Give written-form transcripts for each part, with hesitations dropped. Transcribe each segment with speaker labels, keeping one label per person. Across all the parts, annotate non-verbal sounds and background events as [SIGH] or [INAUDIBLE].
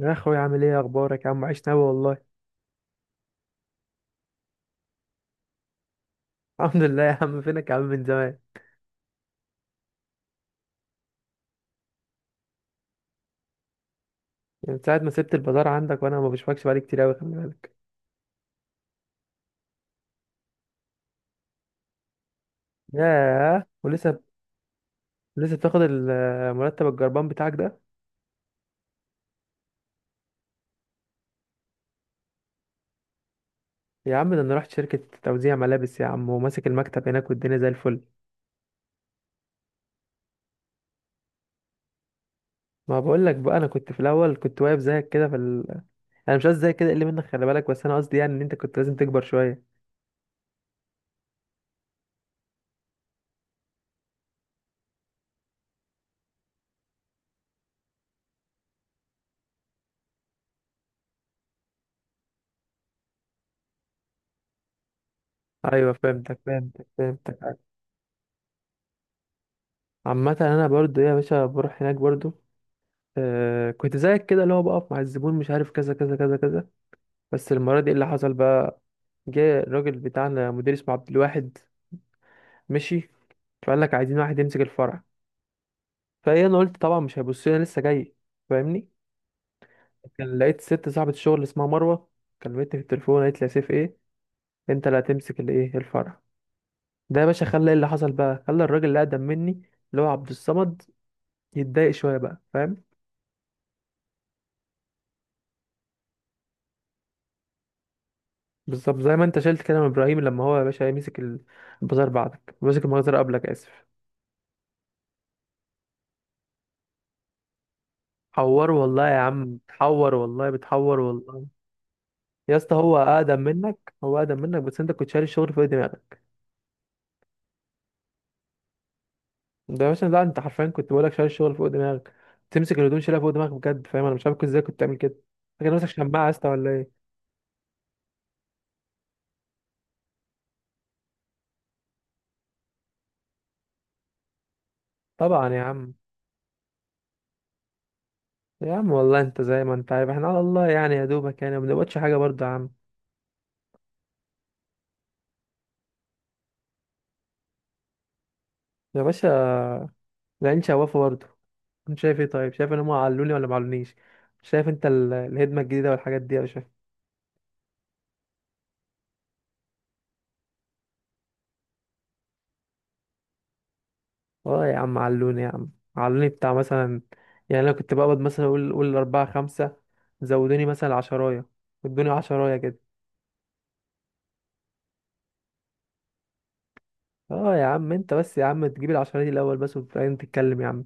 Speaker 1: يا اخويا، عامل ايه؟ اخبارك يا عم؟ عشنا قوي والله. [LAUGHS] الحمد لله يا عم، فينك يا عم من زمان؟ يعني من ساعه ما سبت البازار عندك وانا ما بشوفكش بقالي كتير قوي، خلي بالك. ياه، ولسه؟ لسه بتاخد المرتب الجربان بتاعك ده؟ يا عم ده انا رحت شركه توزيع ملابس يا عم، وماسك المكتب هناك والدنيا زي الفل. ما بقول لك بقى، انا كنت في الاول كنت واقف زيك كده في ال... آه، انا مش قصدي زيك كده اللي منك، خلي بالك، بس انا قصدي يعني ان انت كنت لازم تكبر شويه. ايوه فهمتك فهمتك فهمتك. عامه انا برضو يا باشا بروح هناك برضو. آه كنت زيك كده، اللي هو بقف مع الزبون مش عارف كذا كذا كذا كذا. بس المرة دي إيه اللي حصل بقى؟ جه الراجل بتاعنا مدير اسمه عبد الواحد. مشي. فقال لك عايزين واحد يمسك الفرع. فايه انا قلت طبعا مش هيبص لي أنا لسه جاي. فاهمني؟ كان لقيت ست صاحبة الشغل اسمها مروة كلمتني في التليفون، قالت لي يا سيف ايه، انت اللي هتمسك الايه الفرع ده يا باشا. خلى ايه اللي حصل بقى؟ خلى الراجل اللي اقدم مني، اللي هو عبد الصمد، يتضايق شوية بقى، فاهم؟ بالظبط زي ما انت شلت كده من ابراهيم لما هو يا باشا مسك البازار بعدك، مسك المجزرة قبلك، اسف. حور والله يا عم، بتحور والله، بتحور والله. يا اسطى هو اقدم منك، هو اقدم منك، بس انت كنت شايل الشغل فوق دماغك. ده يا باشا لا، انت حرفيا كنت بقولك شايل الشغل فوق دماغك. تمسك الهدوم شايلها فوق دماغك بجد، فاهم؟ انا مش عارف كنت ازاي كنت تعمل كده. فاكر نفسك شماعة يا اسطى ولا ايه؟ طبعا يا عم. يا عم والله انت زي ما انت عارف احنا على الله يعني، يا دوبك يعني ما بنقبضش حاجة برضه يا عم. يا باشا، العين شوافة برضه. انت شايف ايه طيب؟ شايف ان هم علوني ولا ما علونيش؟ شايف انت الهدمه الجديده والحاجات دي؟ يا شايف. اه يا عم علوني يا عم. علوني بتاع مثلا، يعني انا كنت بقبض مثلا، اقول اربعة خمسة، زودوني مثلا عشراية. ادوني عشراية كده. اه يا عم، انت بس يا عم تجيب العشراية دي الاول بس وبعدين تتكلم يا عم.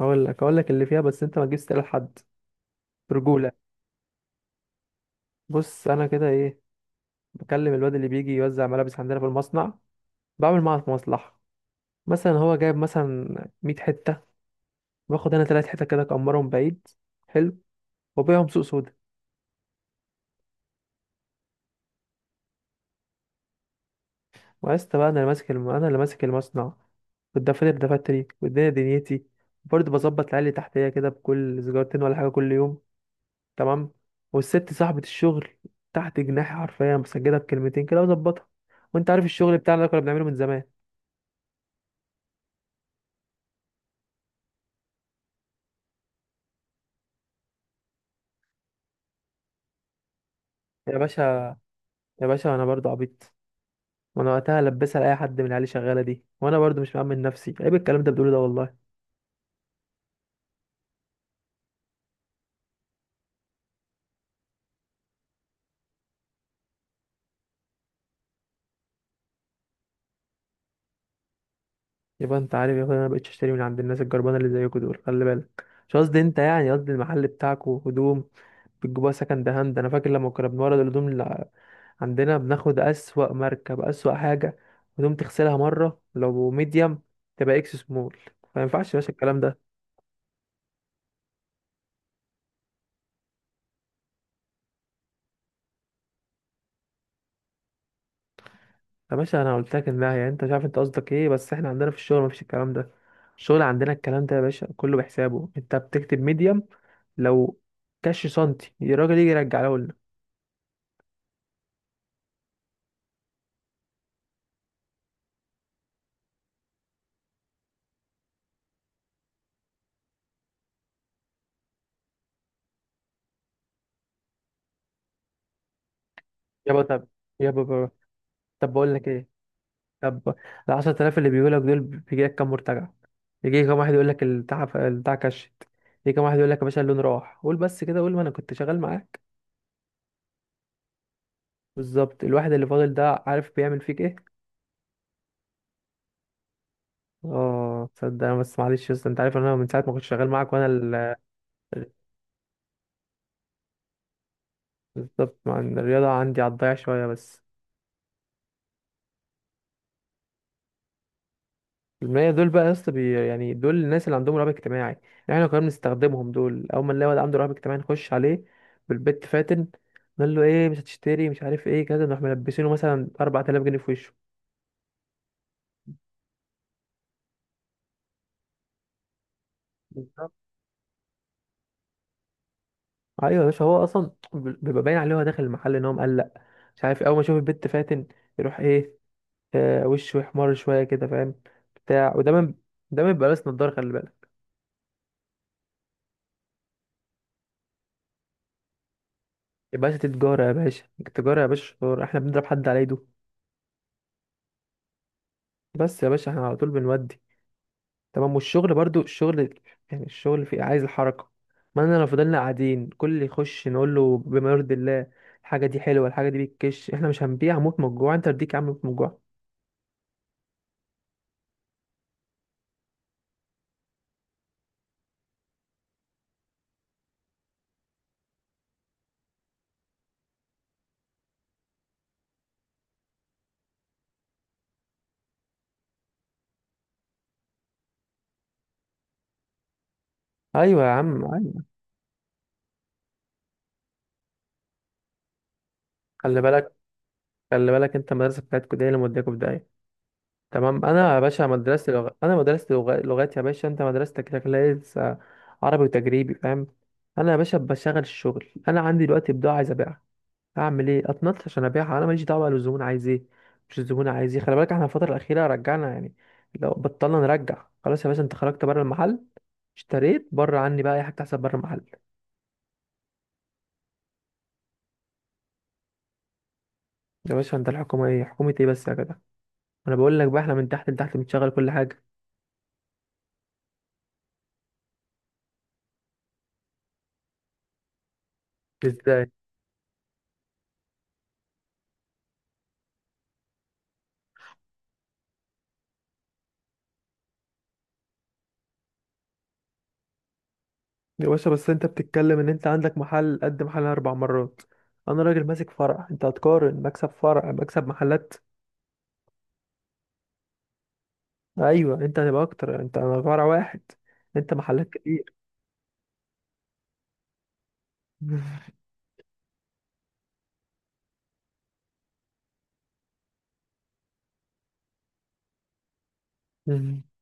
Speaker 1: اقول لك اقول لك اللي فيها، بس انت ما تجيبش تقول لحد. برجولة. بص انا كده ايه، بكلم الواد اللي بيجي يوزع ملابس عندنا في المصنع، بعمل معاه مصلحة. مثلا هو جايب مثلا 100 حتة، باخد انا تلات حتت كده اكمرهم بعيد. حلو. وبيعهم سوق سودا. وعشت بقى. انا اللي ماسك انا اللي ماسك المصنع، والدفاتر دفاتري والدنيا دنيتي. برضه بظبط العيال اللي تحتيا كده بكل سيجارتين ولا حاجة كل يوم. تمام. والست صاحبة الشغل تحت جناحي حرفيا، مسجلها بكلمتين كده وظبطها. وانت عارف الشغل بتاعنا ده كنا بنعمله من زمان. يا باشا، يا باشا انا برضه عبيط. وانا وقتها لبسها لاي حد من العيال اللي شغاله دي، وانا برضه مش مأمن نفسي، عيب الكلام ده بتقوله ده والله. يبقى انت عارف يا اخويا، انا مبقتش اشتري من عند الناس الجربانه اللي زيكوا دول، خلي بالك مش قصدي انت يعني، قصدي المحل بتاعكوا هدوم بتجيبوها سكند هاند. انا فاكر لما كنا بنورد الهدوم اللي عندنا، بناخد اسوأ ماركه باسوأ حاجه، هدوم تغسلها مره لو ميديم تبقى اكس سمول. ما ينفعش يا باشا الكلام ده. يا باشا انا قلت لك انها يعني انت مش عارف انت قصدك ايه، بس احنا عندنا في الشغل مفيش الكلام ده. الشغل عندنا الكلام ده يا باشا كله بحسابه. انت بتكتب ميديم، لو كاش سنتي الراجل يجي يرجعه لنا. يابا طب، يابا طب بقول لك ايه. طب ال 10,000 اللي بيقولك دول بيجي لك كام مرتجع؟ يجي كام واحد يقول لك البتاع البتاع كشت؟ يجي كام واحد يقول لك يا باشا اللون راح؟ قول بس كده، قول، ما انا كنت شغال معاك. بالظبط. الواحد اللي فاضل ده عارف بيعمل فيك ايه؟ اه تصدق، انا بس معلش يا اسطى، انت عارف ان انا من ساعه ما كنت شغال معاك وانا بالظبط، مع إن الرياضه عندي على الضيع شويه بس. المية دول بقى يا اسطى، يعني دول الناس اللي عندهم رهاب اجتماعي. يعني احنا كنا بنستخدمهم دول، اول ما نلاقي واحد عنده رهاب اجتماعي نخش عليه بالبت فاتن، نقول له ايه مش هتشتري مش عارف ايه كذا، نروح ملبسينه مثلا 4000 جنيه في وشه. بالظبط. ايوه يا باشا، هو اصلا بيبقى باين عليه هو داخل المحل ان هو مقلق، مش عارف، اول ما يشوف البت فاتن يروح ايه، وشه يحمر شويه كده، فاهم؟ بتاع وده من، ده ما بيبقى لابس نضاره، خلي بالك. يا باشا دي تجاره يا باشا، التجاره يا باشا شطار، احنا بنضرب حد على ايده؟ بس يا باشا احنا على طول بنودي. تمام. والشغل برضو الشغل، يعني الشغل في عايز الحركة. ما انا لو فضلنا قاعدين كل اللي يخش نقول له بما يرضي الله، الحاجة دي حلوة الحاجة دي بتكش، احنا مش هنبيع، موت من الجوع. انت رديك يا عم، موت من الجوع. ايوه يا عم، ايوه. خلي بالك، خلي بالك انت، المدرسة بتاعتكوا دي اللي مودياكوا في داهية. تمام. انا يا باشا مدرستي لغ... انا مدرستي لغ... لغات يا باشا، انت مدرستك شكلها إيه؟ عربي وتجريبي، فاهم؟ انا يا باشا بشغل الشغل، انا عندي دلوقتي بضاعة عايز ابيعها، اعمل ايه؟ اتنطش عشان ابيعها، انا ماليش دعوه بقى الزبون عايز ايه. مش الزبون عايز ايه، خلي بالك. احنا الفتره الاخيره رجعنا يعني، لو بطلنا نرجع خلاص. يا باشا انت خرجت بره المحل، اشتريت بره عني، بقى اي حاجه تحصل بره المحل. يا باشا انت الحكومه ايه؟ حكومه ايه بس يا جدع؟ انا بقول لك بقى، احنا من تحت لتحت بنشغل كل حاجه. ازاي يا باشا؟ بس انت بتتكلم ان انت عندك محل قد محل اربع مرات، انا راجل ماسك فرع، انت هتقارن مكسب فرع مكسب محلات؟ ايوه انت هتبقى اكتر، انت انا فرع واحد، انت محلات كتير. [LAUGHS]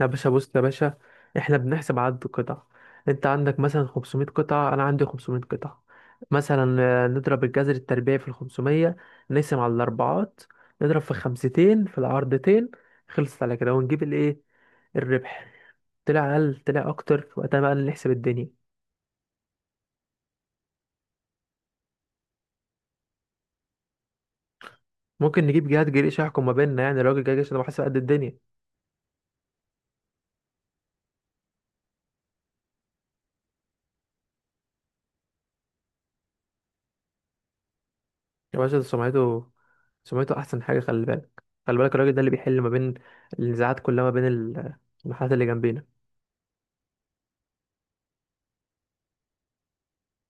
Speaker 1: يا باشا بص يا باشا، احنا بنحسب عدد القطع. انت عندك مثلا 500 قطعة، انا عندي 500 قطعة مثلا، نضرب الجذر التربيعي في ال 500، نقسم على الاربعات، نضرب في خمستين في العرضتين، خلصت على كده ونجيب الايه، الربح. طلع اقل طلع اكتر، وقتها بقى نحسب الدنيا. ممكن نجيب جهات جريش يحكم ما بيننا، يعني الراجل جاي عشان هو حاسب قد الدنيا. يا باشا ده سمعته، سمعته احسن حاجة، خلي بالك. خلي بالك الراجل ده اللي بيحل ما بين النزاعات كلها ما بين المحلات اللي جنبينا.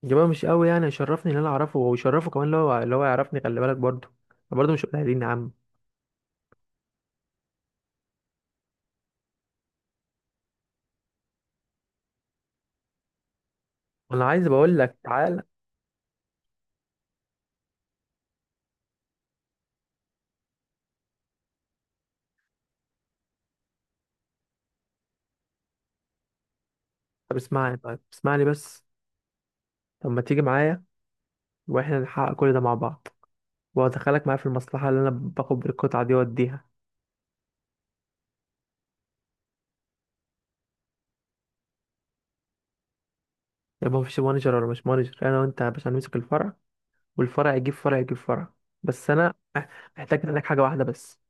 Speaker 1: جماعة مش قوي يعني، يشرفني ان انا اعرفه ويشرفه كمان لو اللي هو يعرفني، خلي بالك برضه. أنا برضه مش قليلين يا عم. انا عايز بقول لك تعالى، طب اسمعني طيب، اسمعني بس. طب ما تيجي معايا، واحنا نحقق كل ده مع بعض، وادخلك معايا في المصلحة اللي انا باخد بالقطعة دي واديها. يبقى مفيش مانجر ولا مش مانجر، انا وانت باش هنمسك الفرع، والفرع يجيب فرع يجيب فرع. بس انا [LAUGHS] محتاج منك حاجة واحدة بس.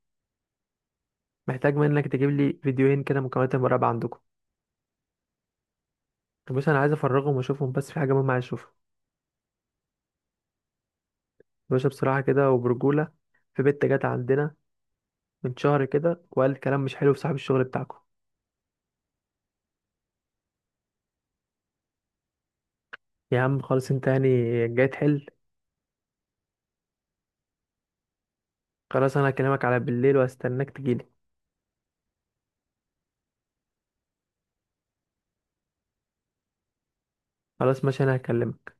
Speaker 1: محتاج منك تجيب لي فيديوهين كده مكالمات المراقبة عندكم. بص انا عايز افرغهم واشوفهم، بس في حاجة مهمة عايز اشوفها. باشا بصراحة كده وبرجولة، في بنت جت عندنا من شهر كده، وقالت كلام مش حلو في صاحب الشغل بتاعكم. يا عم خلاص، انت يعني جاي تحل. خلاص انا هكلمك على بالليل وهستناك تجيلي. خلاص ماشي، انا هكلمك.